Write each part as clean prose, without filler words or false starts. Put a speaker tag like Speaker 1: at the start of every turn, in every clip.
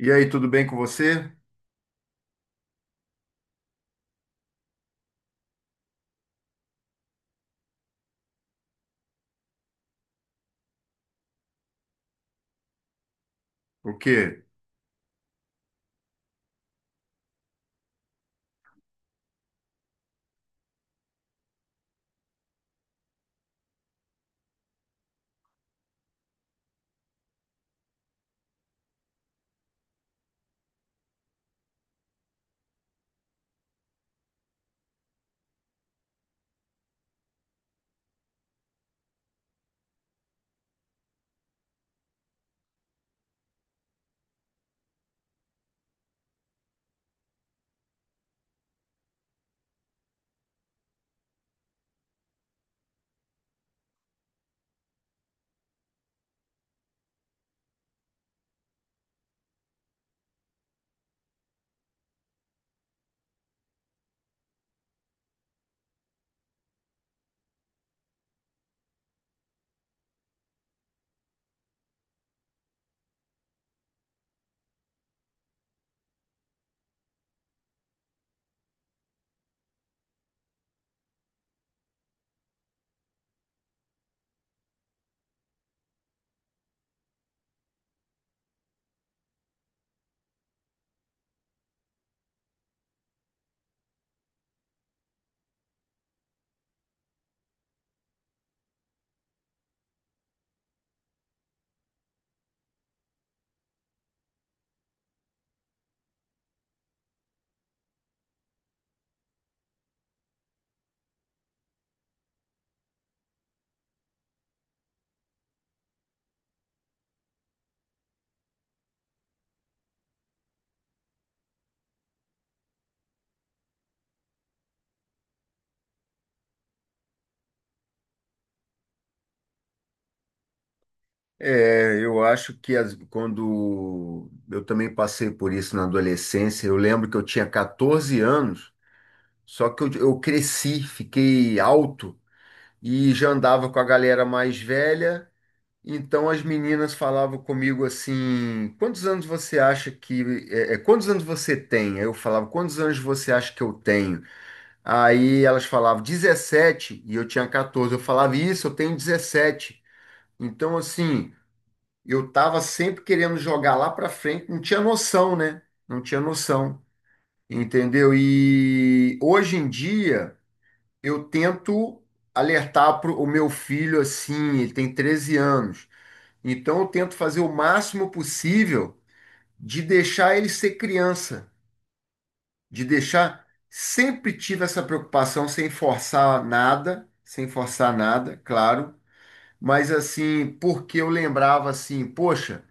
Speaker 1: E aí, tudo bem com você? O quê? É, eu acho que quando eu também passei por isso na adolescência, eu lembro que eu tinha 14 anos, só que eu cresci, fiquei alto e já andava com a galera mais velha. Então as meninas falavam comigo assim: quantos anos você acha que. Quantos anos você tem? Aí eu falava: quantos anos você acha que eu tenho? Aí elas falavam 17 e eu tinha 14. Eu falava: isso, eu tenho 17. Então, assim, eu tava sempre querendo jogar lá para frente, não tinha noção, né? Não tinha noção, entendeu? E hoje em dia eu tento alertar pro o meu filho assim, ele tem 13 anos. Então eu tento fazer o máximo possível de deixar ele ser criança, de deixar. Sempre tive essa preocupação, sem forçar nada, sem forçar nada, claro, mas assim, porque eu lembrava assim, poxa,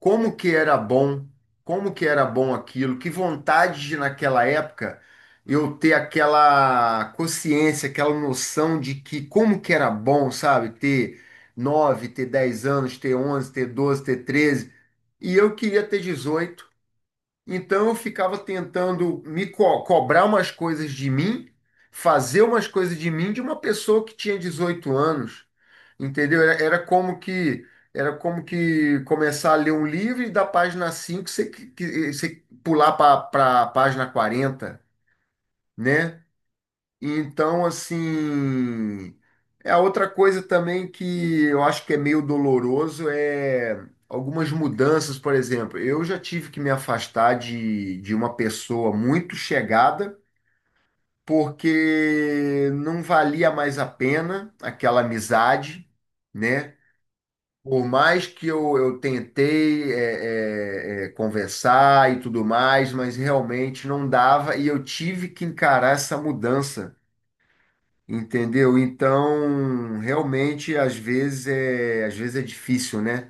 Speaker 1: como que era bom, como que era bom aquilo, que vontade de, naquela época, eu ter aquela consciência, aquela noção de que como que era bom, sabe, ter nove, ter 10 anos, ter 11, ter 12, ter 13, e eu queria ter 18. Então eu ficava tentando cobrar umas coisas de mim, fazer umas coisas de mim, de uma pessoa que tinha 18 anos, entendeu? Era, era como que, era como que começar a ler um livro e da página 5 você, você pular para a página 40, né? Então, assim, é a outra coisa também que eu acho que é meio doloroso, é algumas mudanças, por exemplo. Eu já tive que me afastar de uma pessoa muito chegada, porque não valia mais a pena aquela amizade, né? Por mais que eu tentei conversar e tudo mais, mas realmente não dava, e eu tive que encarar essa mudança. Entendeu? Então, realmente, às vezes é difícil, né?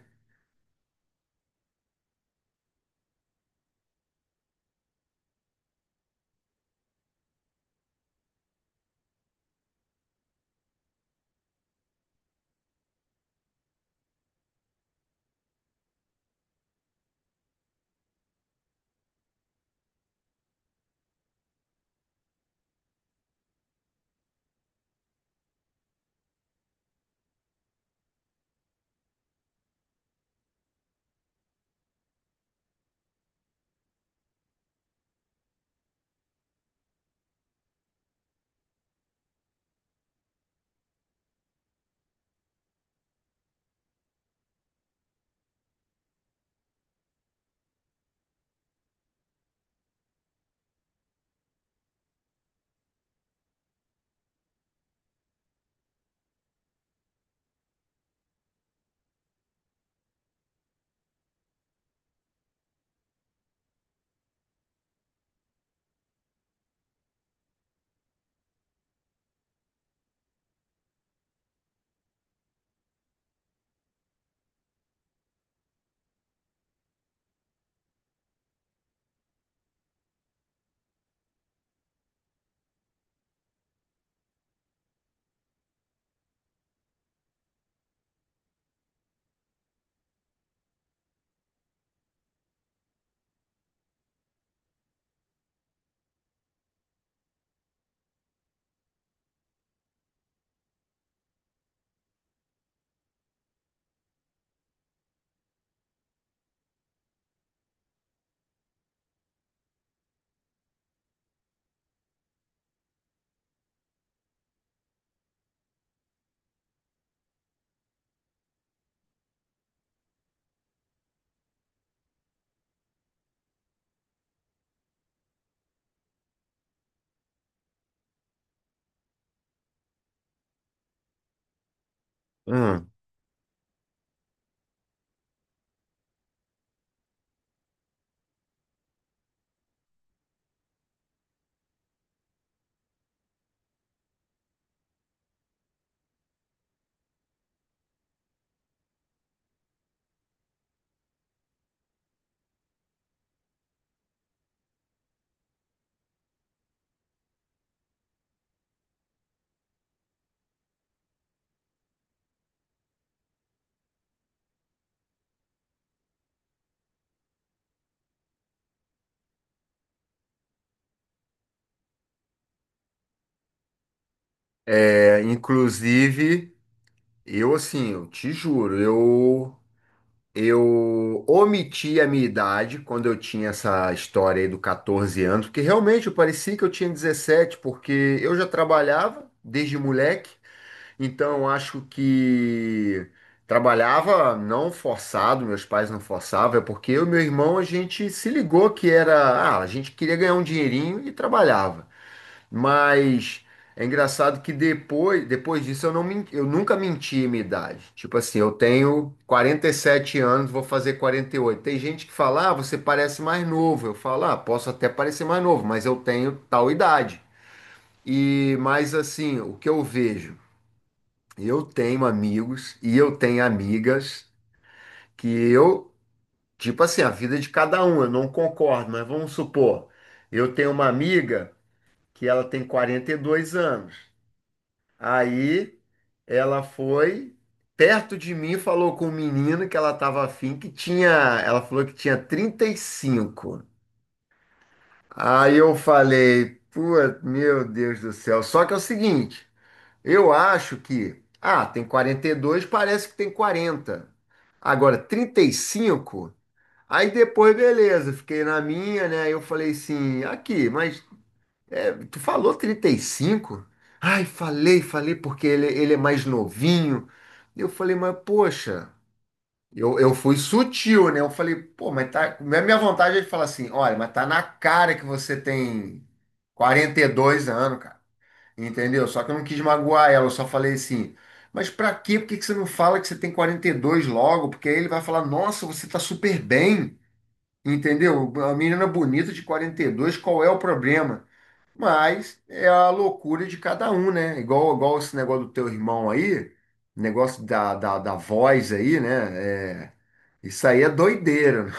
Speaker 1: Hum. É, inclusive, eu assim, eu te juro, eu omiti a minha idade quando eu tinha essa história aí do 14 anos, porque realmente eu parecia que eu tinha 17, porque eu já trabalhava desde moleque. Então, eu acho que trabalhava não forçado, meus pais não forçavam, é porque eu e meu irmão, a gente se ligou que era, ah, a gente queria ganhar um dinheirinho e trabalhava. Mas é engraçado que depois disso eu não, eu nunca menti a minha idade. Tipo assim, eu tenho 47 anos, vou fazer 48. Tem gente que fala, ah, você parece mais novo. Eu falo, ah, posso até parecer mais novo, mas eu tenho tal idade. E mais assim, o que eu vejo? Eu tenho amigos e eu tenho amigas que eu, tipo assim, a vida de cada um, eu não concordo, mas vamos supor, eu tenho uma amiga que ela tem 42 anos. Aí ela foi, perto de mim, e falou com um menino que ela estava afim, que tinha, ela falou que tinha 35. Aí eu falei, pô, meu Deus do céu. Só que é o seguinte, eu acho que, ah, tem 42, parece que tem 40. Agora, 35, aí depois, beleza, fiquei na minha, né? Aí eu falei assim, aqui, mas é, tu falou 35. Ai, falei, falei, porque ele é mais novinho. Eu falei, mas poxa, eu fui sutil, né? Eu falei, pô, mas tá. Minha vontade é de falar assim, olha, mas tá na cara que você tem 42 anos, cara. Entendeu? Só que eu não quis magoar ela, eu só falei assim, mas pra quê? Por que que você não fala que você tem 42 logo? Porque aí ele vai falar, nossa, você tá super bem, entendeu? A menina é bonita de 42, qual é o problema? Mas é a loucura de cada um, né? Igual esse negócio do teu irmão aí, negócio da voz aí, né? É, isso aí é doideira.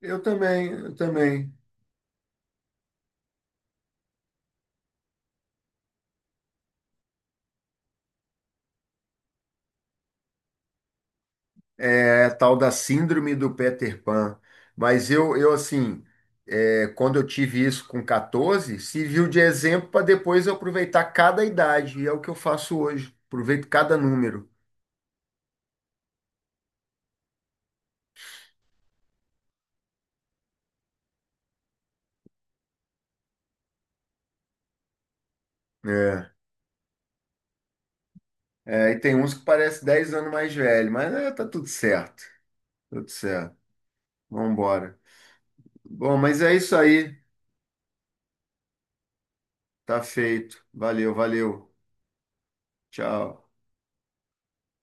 Speaker 1: Eu também, eu também. É, tal da síndrome do Peter Pan. Mas eu assim, é, quando eu tive isso com 14, serviu de exemplo para depois eu aproveitar cada idade. E é o que eu faço hoje. Aproveito cada número. É. É, e tem uns que parece 10 anos mais velho, mas é, tá tudo certo. Tudo certo. Vambora. Bom, mas é isso aí. Tá feito. Valeu, valeu. Tchau.